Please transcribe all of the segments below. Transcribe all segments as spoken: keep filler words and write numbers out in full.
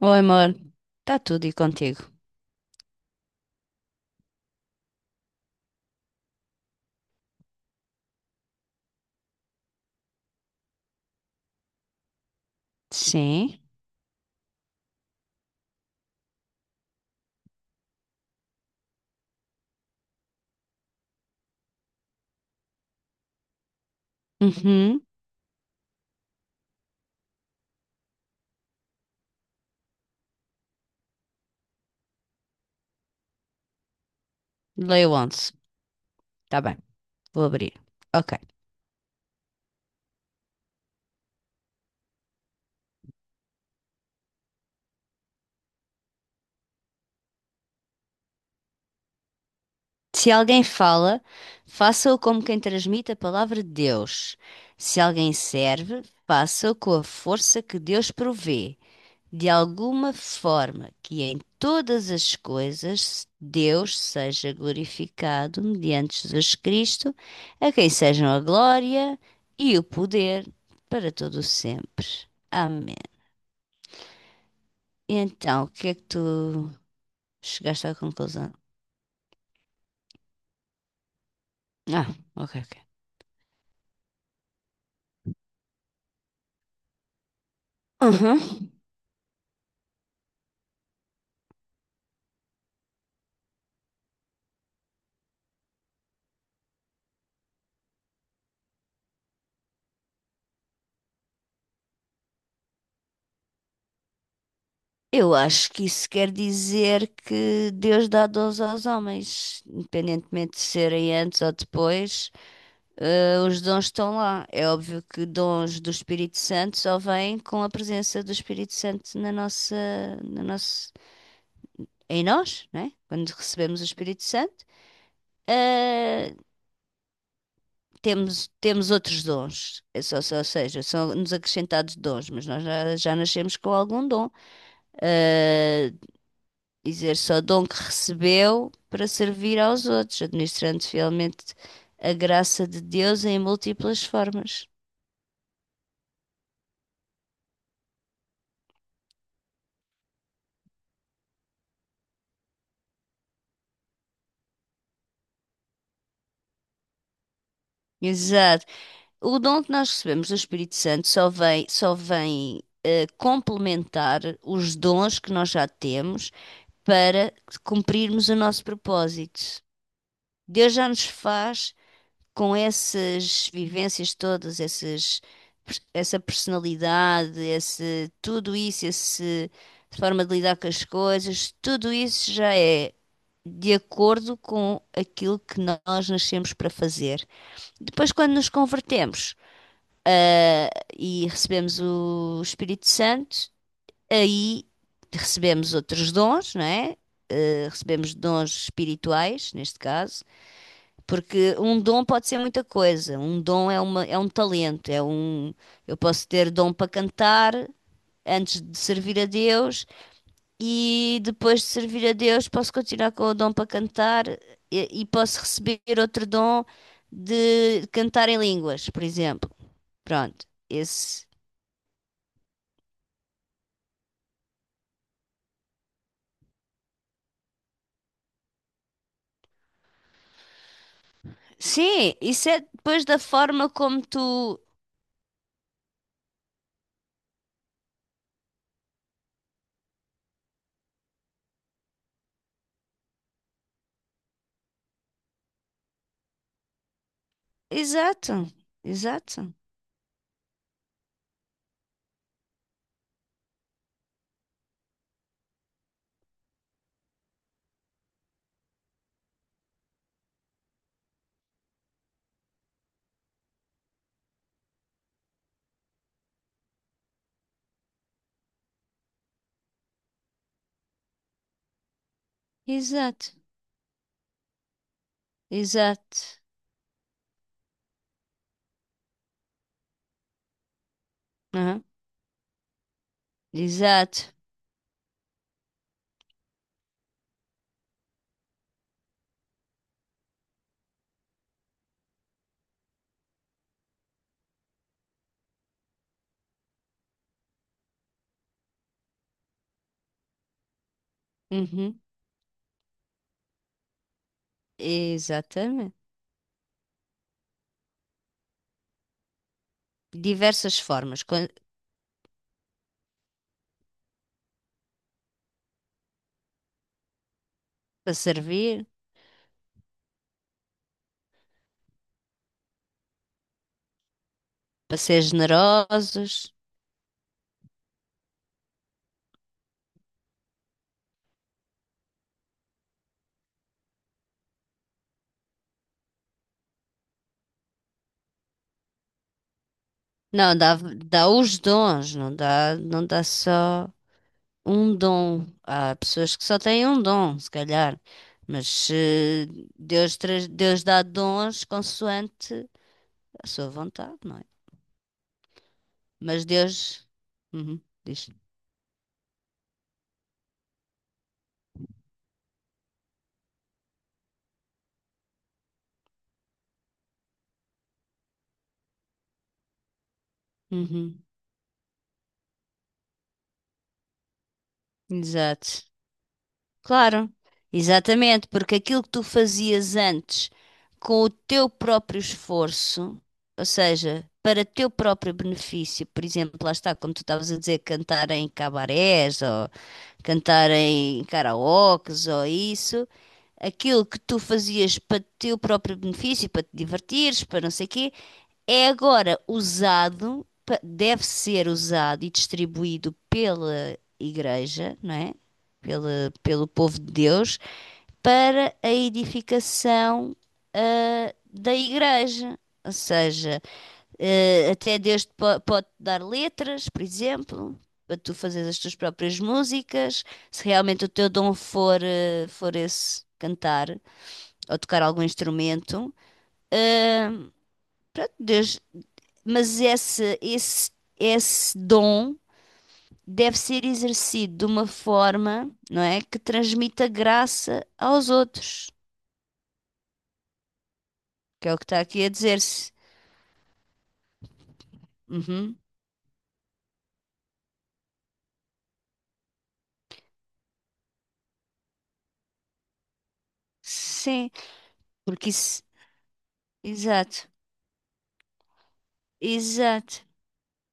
Oi, amor. Está tudo e contigo? Sim. Uhum. Leio onze. Tá bem. Vou abrir. Ok. Se alguém fala, faça-o como quem transmite a palavra de Deus. Se alguém serve, faça-o com a força que Deus provê, de alguma forma que em todas as coisas Deus seja glorificado mediante Jesus Cristo, a quem sejam a glória e o poder para todo o sempre. Amém. E então, o que é que tu chegaste à conclusão? Ah, ok, ok. Uhum. Eu acho que isso quer dizer que Deus dá dons aos homens, independentemente de serem antes ou depois, eh, os dons estão lá. É óbvio que dons do Espírito Santo só vêm com a presença do Espírito Santo na nossa, na nossa, em nós, né? Quando recebemos o Espírito Santo. Eh, temos, temos outros dons. É só- só- ou seja, são-nos acrescentados dons, mas nós já, já nascemos com algum dom. Ah, dizer só dom que recebeu para servir aos outros, administrando fielmente a graça de Deus em múltiplas formas. Exato. O dom que nós recebemos do Espírito Santo só vem, só vem eh, complementar os dons que nós já temos para cumprirmos o nosso propósito. Deus já nos faz com essas vivências todas, essas, essa personalidade, esse, tudo isso, esse forma de lidar com as coisas, tudo isso já é de acordo com aquilo que nós nascemos para fazer. Depois, quando nos convertemos, ah, e recebemos o Espírito Santo, aí recebemos outros dons, não é? Eh, Recebemos dons espirituais, neste caso, porque um dom pode ser muita coisa. Um dom é uma, é um talento, é um, eu posso ter dom para cantar antes de servir a Deus e depois de servir a Deus posso continuar com o dom para cantar e, e posso receber outro dom de cantar em línguas, por exemplo. Pronto. Esse. Sim, isso é depois da forma como tu. Exato, exato, exato, exato, Aham, exato. Uhum. Exatamente. Diversas formas. Quan- Para servir, para ser generosos. Não, dá, dá os dons, não dá, não dá só um dom. Há pessoas que só têm um dom, se calhar. Mas eh, Deus, tra- Deus dá dons consoante a sua vontade, não é? Mas Deus. Uhum, diz. Uhum, exato. Claro, exatamente, porque aquilo que tu fazias antes com o teu próprio esforço, ou seja, para teu próprio benefício, por exemplo, lá está, como tu estavas a dizer, cantar em cabarés ou cantar em karaokes ou isso, aquilo que tu fazias para teu próprio benefício, para te divertires, para não sei quê, é agora usado, pa- deve ser usado e distribuído pela Igreja, não é? Pela, pelo povo de Deus, para a edificação, ah, da Igreja. Ou seja, eh, até Deus te po- pode dar letras, por exemplo, para tu fazeres as tuas próprias músicas. Se realmente o teu dom for, eh, for esse cantar ou tocar algum instrumento, pronto, Deus, mas esse, esse, esse dom deve ser exercido de uma forma, não é, que transmita graça aos outros, que é o que está aqui a dizer-se. Uhum. Sim, porque isso, exato, exato,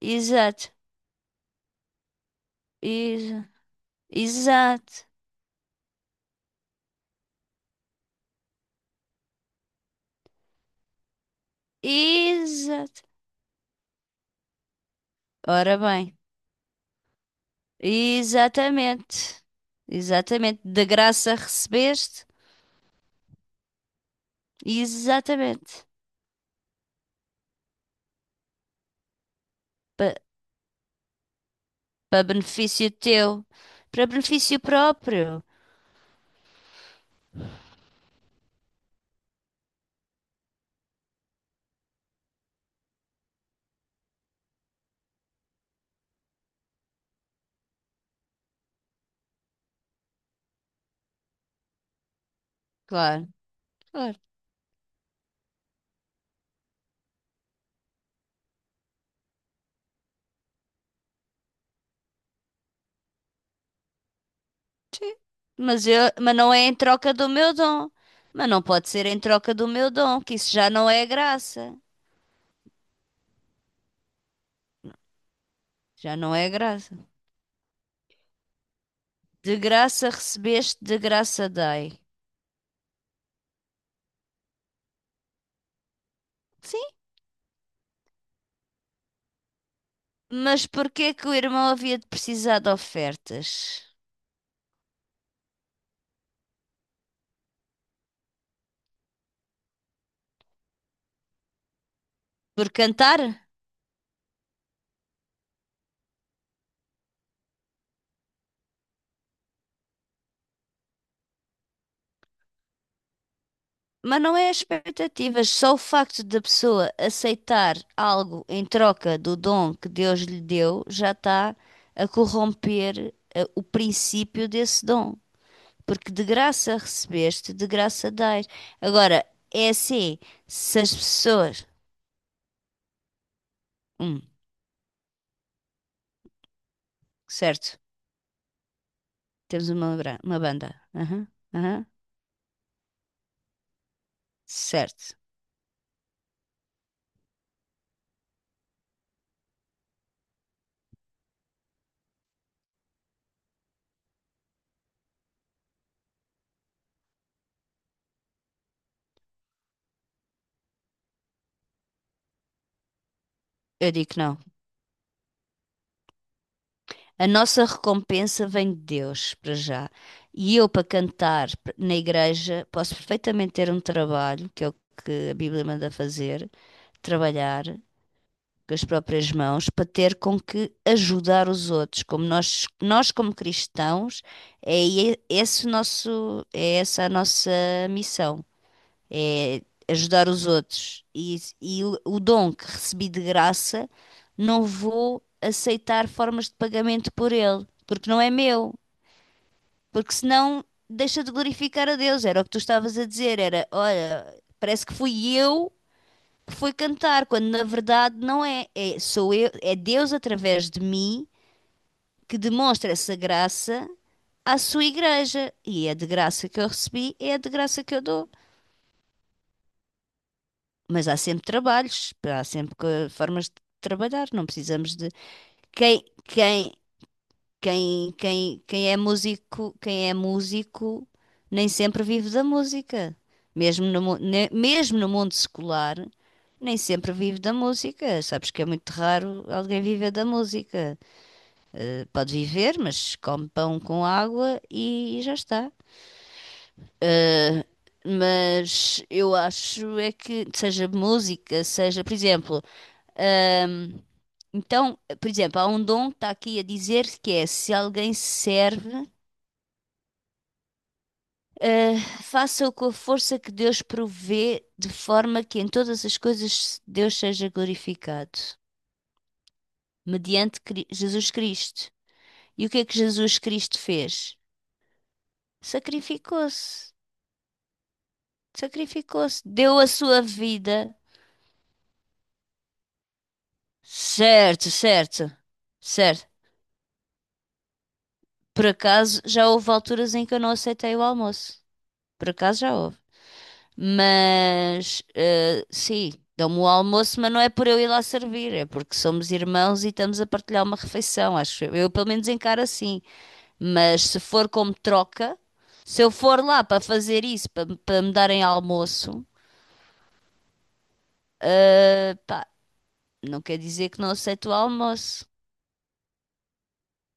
exato, exa- exato, exato. Ora bem, exatamente, exatamente, da graça recebeste, exatamente. Para benefício teu, para benefício próprio, claro, claro. Sim. Mas eu, mas não é em troca do meu dom. Mas não pode ser em troca do meu dom, que isso já não é graça. Já não é graça. De graça recebeste, de graça dai. Sim, mas porquê que o irmão havia de precisar de ofertas? Por cantar? Mas não é as expectativas, só o facto da pessoa aceitar algo em troca do dom que Deus lhe deu já está a corromper eh, o princípio desse dom. Porque de graça recebeste, de graça dás. Agora, é assim, se as pessoas. Hum, certo, temos uma, bra- uma banda. Aham, aham, certo. Eu digo que não. A nossa recompensa vem de Deus, para já. E eu, para cantar na igreja, posso perfeitamente ter um trabalho, que é o que a Bíblia manda fazer, trabalhar com as próprias mãos, para ter com que ajudar os outros. Como nós, nós como cristãos, é e- esse o nosso, é essa a nossa missão é ajudar os outros. E, isso- e o o dom que recebi de graça, não vou aceitar formas de pagamento por ele, porque não é meu. Porque senão deixa de glorificar a Deus. Era o que tu estavas a dizer, era, olha, parece que fui eu que fui cantar, quando na verdade não é. É, sou eu, é Deus através de mim que demonstra essa graça à sua igreja. E é de graça que eu recebi, é de graça que eu dou. Mas há sempre trabalhos, há sempre co- formas de trabalhar, não precisamos de quem quem quem quem quem é músico, quem é músico nem sempre vive da música. Mesmo no, mu- ne- mesmo no mundo secular, nem sempre vive da música. Sabes que é muito raro alguém viver da música. Eh, pode viver, mas come pão com água e já está. Mas eu acho é que seja música, seja, por exemplo, Ahm, então, por exemplo, há um dom que está aqui a dizer que é se alguém serve, eh, faça-o com a força que Deus provê, de forma que em todas as coisas Deus seja glorificado, mediante Cri- Jesus Cristo. E o que é que Jesus Cristo fez? Sacrificou-se, sacrificou-se, deu a sua vida. Certo, certo, certo. Por acaso já houve alturas em que eu não aceitei o almoço. Por acaso já houve. Mas, eh, sim, dão-me o almoço, mas não é por eu ir lá servir, é porque somos irmãos e estamos a partilhar uma refeição, acho eu. Eu pelo menos encaro assim. Mas se for como troca, se eu for lá para fazer isso, para, para me darem almoço, epá, não quer dizer que não aceito o almoço.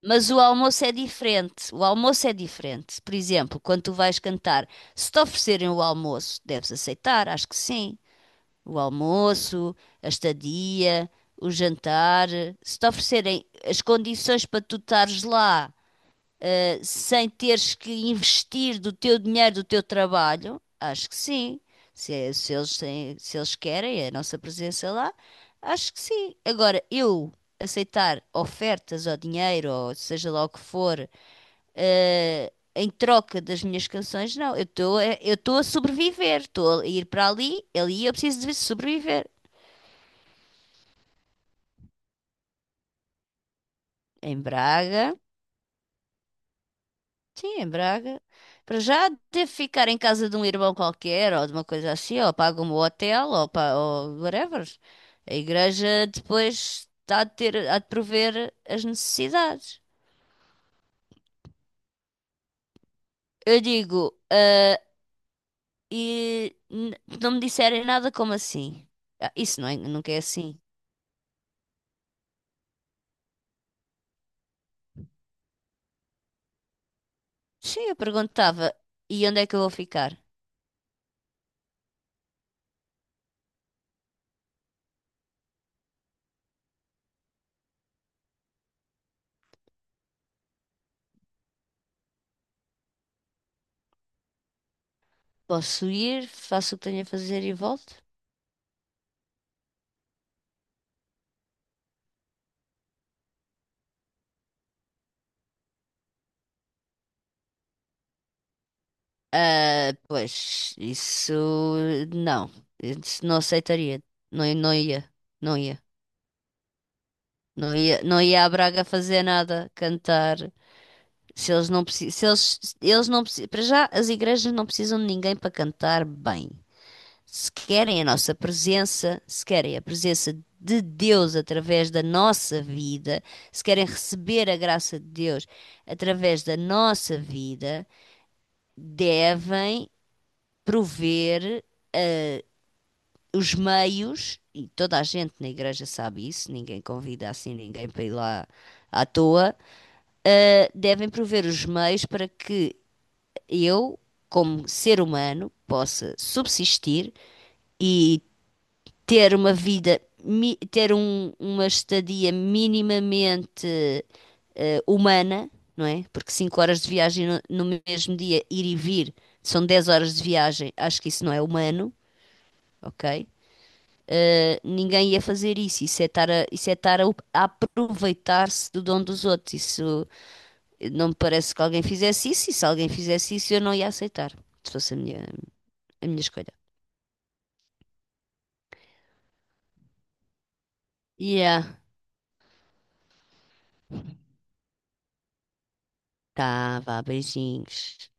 Mas o almoço é diferente. O almoço é diferente. Por exemplo, quando tu vais cantar, se te oferecerem o almoço, deves aceitar, acho que sim. O almoço, a estadia, o jantar, se te oferecerem as condições para tu estares lá, eh, sem teres que investir do teu dinheiro, do teu trabalho, acho que sim. Se, é- se eles têm- se eles querem é a nossa presença lá, acho que sim. Agora, eu aceitar ofertas ou dinheiro, ou seja lá o que for, eh, em troca das minhas canções, não. Eu estou a, eu estou a sobreviver, estou a ir para ali, ali eu preciso de sobreviver. Em Braga. Sim, em Braga. Para já devo ficar em casa de um irmão qualquer ou de uma coisa assim, ou pago um hotel ou, pa- ou whatever. A igreja depois há de ter, há de prover as necessidades. Eu digo, ah, e n- não me disserem nada como assim. Ah, isso não é, nunca é assim. Sim, eu perguntava, e onde é que eu vou ficar? Posso ir, faço o que tenho a fazer e volto? Ah, pois, isso não. Isso não aceitaria. Não, não ia. Não ia. Não ia, não ia à Braga fazer nada, cantar. Se eles não precisam, se eles, eles não precisam, para já as igrejas não precisam de ninguém para cantar bem. Se querem a nossa presença, se querem a presença de Deus através da nossa vida, se querem receber a graça de Deus através da nossa vida, devem prover os meios, e toda a gente na igreja sabe isso, ninguém convida assim ninguém para ir lá à toa, ah, devem prover os meios para que eu, como ser humano, possa subsistir e ter uma vida, mi- ter um- uma estadia minimamente eh, humana, não é? Porque cinco horas de viagem no, no mesmo dia, ir e vir, são dez horas de viagem, acho que isso não é humano, ok? Uh, ninguém ia fazer isso. Isso é estar a, isso é estar a, op- a aproveitar-se do dom dos outros. Isso eh, não me parece que alguém fizesse isso. E se alguém fizesse isso, eu não ia aceitar. Se fosse a minha, a minha escolha. Yeah. Tá, vá, beijinhos.